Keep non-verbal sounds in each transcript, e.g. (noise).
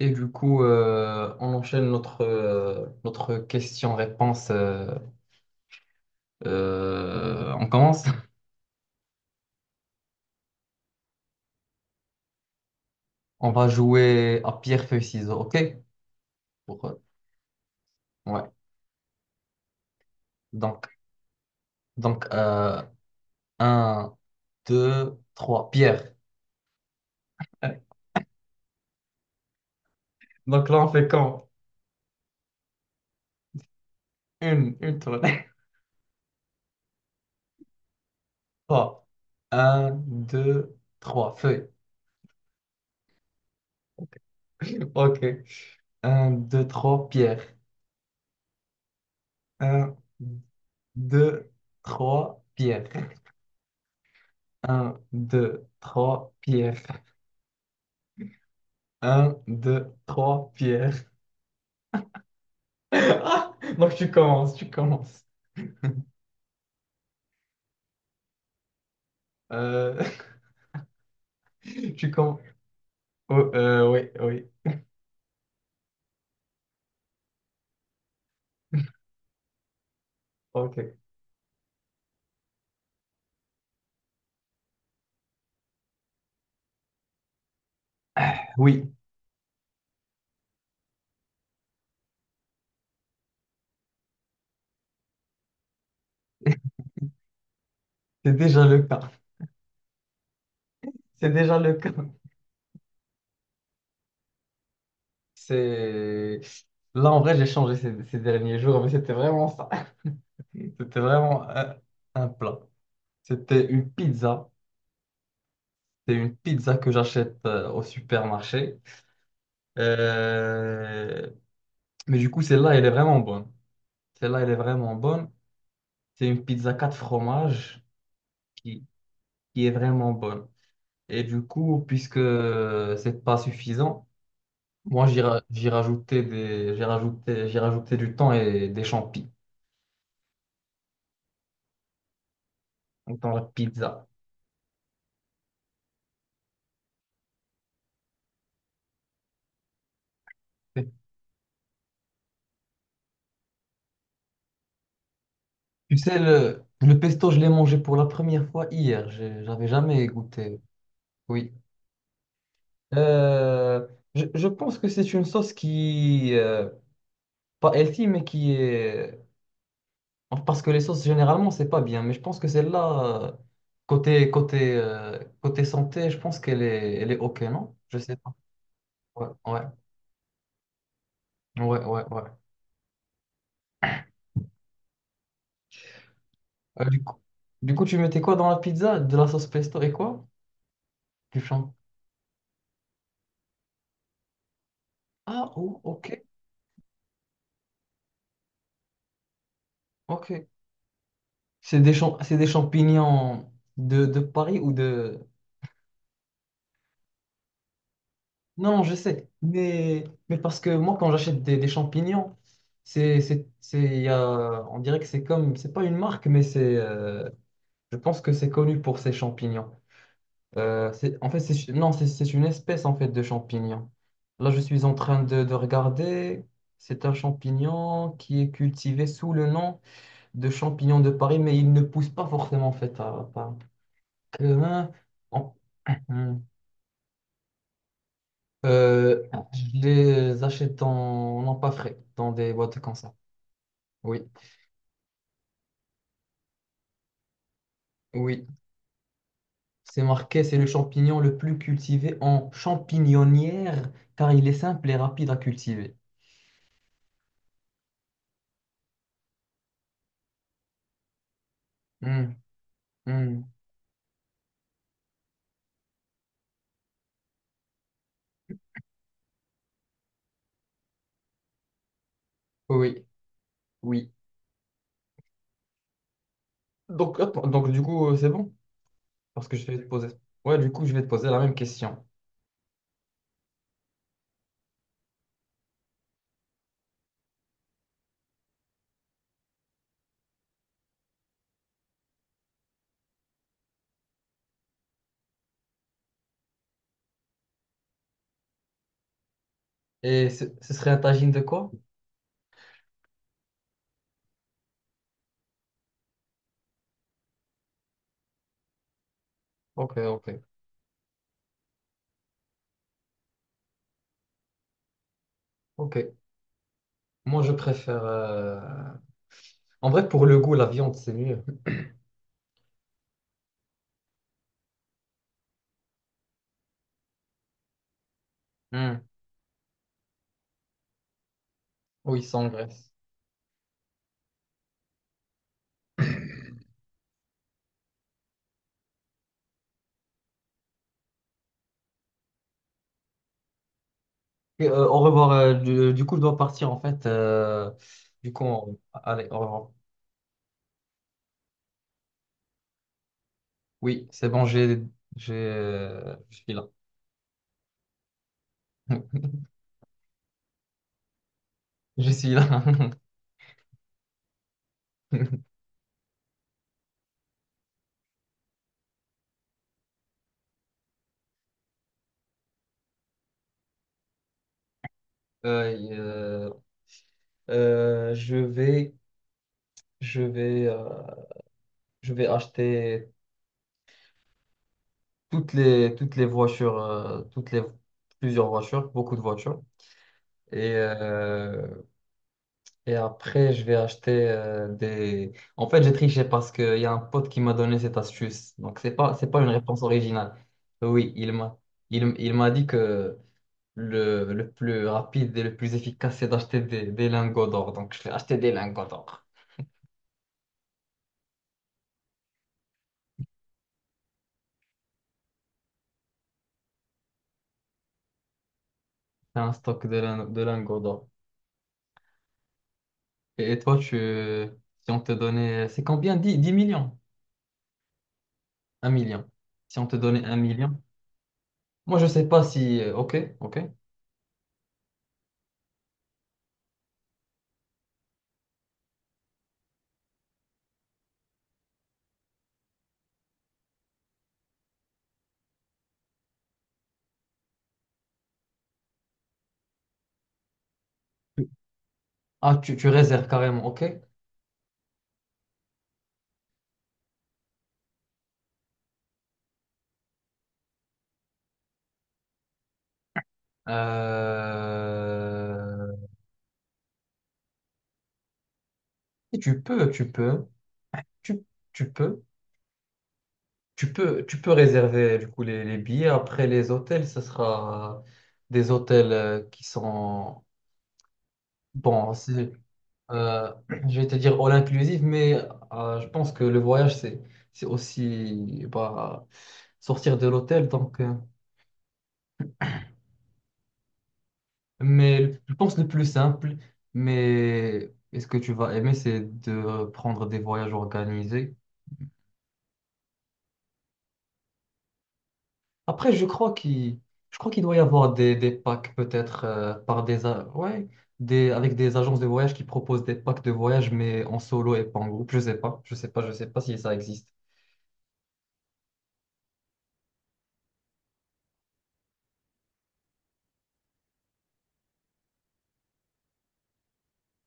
Et du coup, on enchaîne notre question-réponse. On commence. On va jouer à pierre, feuille, ciseaux, OK? Pour, ouais. Donc, donc, 1, 2, 3, pierre. Donc là, on fait quand? Une tournée. (laughs) Trois. Un, deux, trois. Feuille. OK. Un, 2, 3. Pierre. Un, 2, 3. Pierre. Un, 2, 3. Pierre. Un, deux, trois, Pierre. (laughs) Ah, donc tu commences. Euh, (laughs) tu commences. Oh, oui, oui. Ok. Oui, c'est déjà le cas. C'est déjà le cas. C'est... Là, en vrai, j'ai changé ces derniers jours, mais c'était vraiment ça. (laughs) C'était vraiment un plat. C'était une pizza. C'est une pizza que j'achète au supermarché. Euh, Mais du coup, celle-là, elle est vraiment bonne. Celle-là, elle est vraiment bonne. C'est une pizza 4 fromages qui. qui est vraiment bonne. Et du coup, puisque c'est pas suffisant, moi j'ai ra- j'ai rajouté des j'ai rajouté du temps et des champis dans la pizza. Tu sais le pesto, je l'ai mangé pour la première fois hier. J'avais jamais goûté. Oui. Euh, je pense que c'est une sauce qui pas healthy, mais qui est. Enfin, parce que les sauces, généralement, c'est pas bien, mais je pense que celle-là, côté santé, je pense qu'elle est OK, non? Je sais pas. Ouais, ouais, ouais, ouais, ouais. Euh, du coup, du coup, tu mettais quoi dans la pizza? De la sauce pesto et quoi? Du champ. Ah, oh, OK, OK. C'est des champignons de Paris ou de... Non, je sais, mais parce que moi, quand j'achète des champignons, c'est, il y a- on dirait que c'est comme, c'est pas une marque, mais c'est... Je pense que c'est connu pour ses champignons. C'est, en fait, c'est, non, C'est une espèce en fait de champignon. Là, je suis en train de regarder. C'est un champignon qui est cultivé sous le nom de champignon de Paris, mais il ne pousse pas forcément en fait à Paris. Euh, en- hmm. Euh, je les achète en, pas frais, dans des boîtes comme ça. Oui, oui. C'est marqué, c'est le champignon le plus cultivé en champignonnière, car il est simple et rapide à cultiver. Hmm. Hmm. Oui, oui. Donc, attends, donc du coup, c'est bon? Parce que je vais te poser. Ouais, du coup, je vais te poser la même question. Et ce serait un tagine de quoi? Ok, ok, ok. Moi, je préfère. En vrai, pour le goût, la viande, c'est mieux. Hmm. Oui, sans graisse. Et, au revoir. Du coup, je dois partir en fait. Du coup, allez, au revoir. Oui, c'est bon, je suis là. (laughs) Je suis là. (laughs) Euh, euh, euh, je vais. Je vais, euh, je vais acheter toutes les voitures, plusieurs voitures, beaucoup de voitures. Et, après, je vais acheter des... En fait, j'ai triché parce qu'il y a un pote qui m'a donné cette astuce. Donc, c'est pas une réponse originale. Oui, il m'a dit que le plus rapide et le plus efficace, c'est d'acheter des lingots d'or. Donc, je vais acheter des lingots d'or. C'est un stock de lingots d'or. Et toi, si on te donnait, c'est combien? Dix millions? Un million. Si on te donnait un million, moi je sais pas si, ok, ok. Ah, tu réserves carrément, ok. Euh, et tu, tu peux, tu peux réserver du coup les billets. Après les hôtels, ce sera des hôtels qui sont bon. Euh, (clears throat) je vais te dire all inclusive, mais je pense que le voyage, c'est aussi bah, sortir de l'hôtel. Donc, mais je pense le plus simple, mais est-ce que tu vas aimer, c'est de prendre des voyages organisés. Après, je crois qu'il doit y avoir des packs peut-être ouais, avec des agences de voyage qui proposent des packs de voyage, mais en solo et pas en groupe. Je sais pas si ça existe.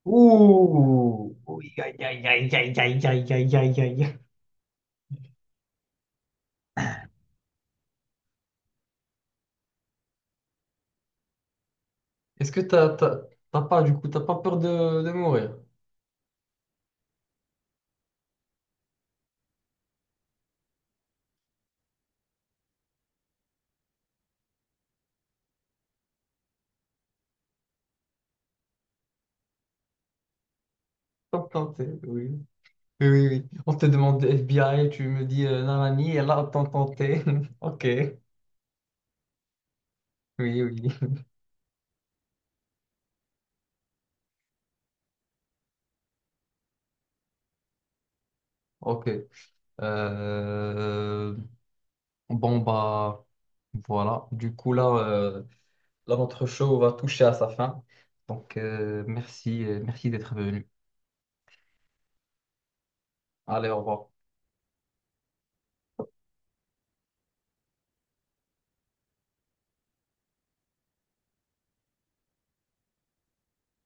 Ouh! Ouh, aïe, aïe, aïe, aïe, aïe, aïe, aïe, aïe, aïe. Est-ce que t'as pas, du coup, t'as pas peur de mourir? T'as tenté, oui. Oui, oui, oui. On te demande de FBI, tu me dis nanani, et là, t'as tenté. (laughs) Ok, oui, oui. Ok. Euh, Bon, bah, voilà. Du coup, là, notre show va toucher à sa fin. Donc, merci d'être venu. Allez, au revoir.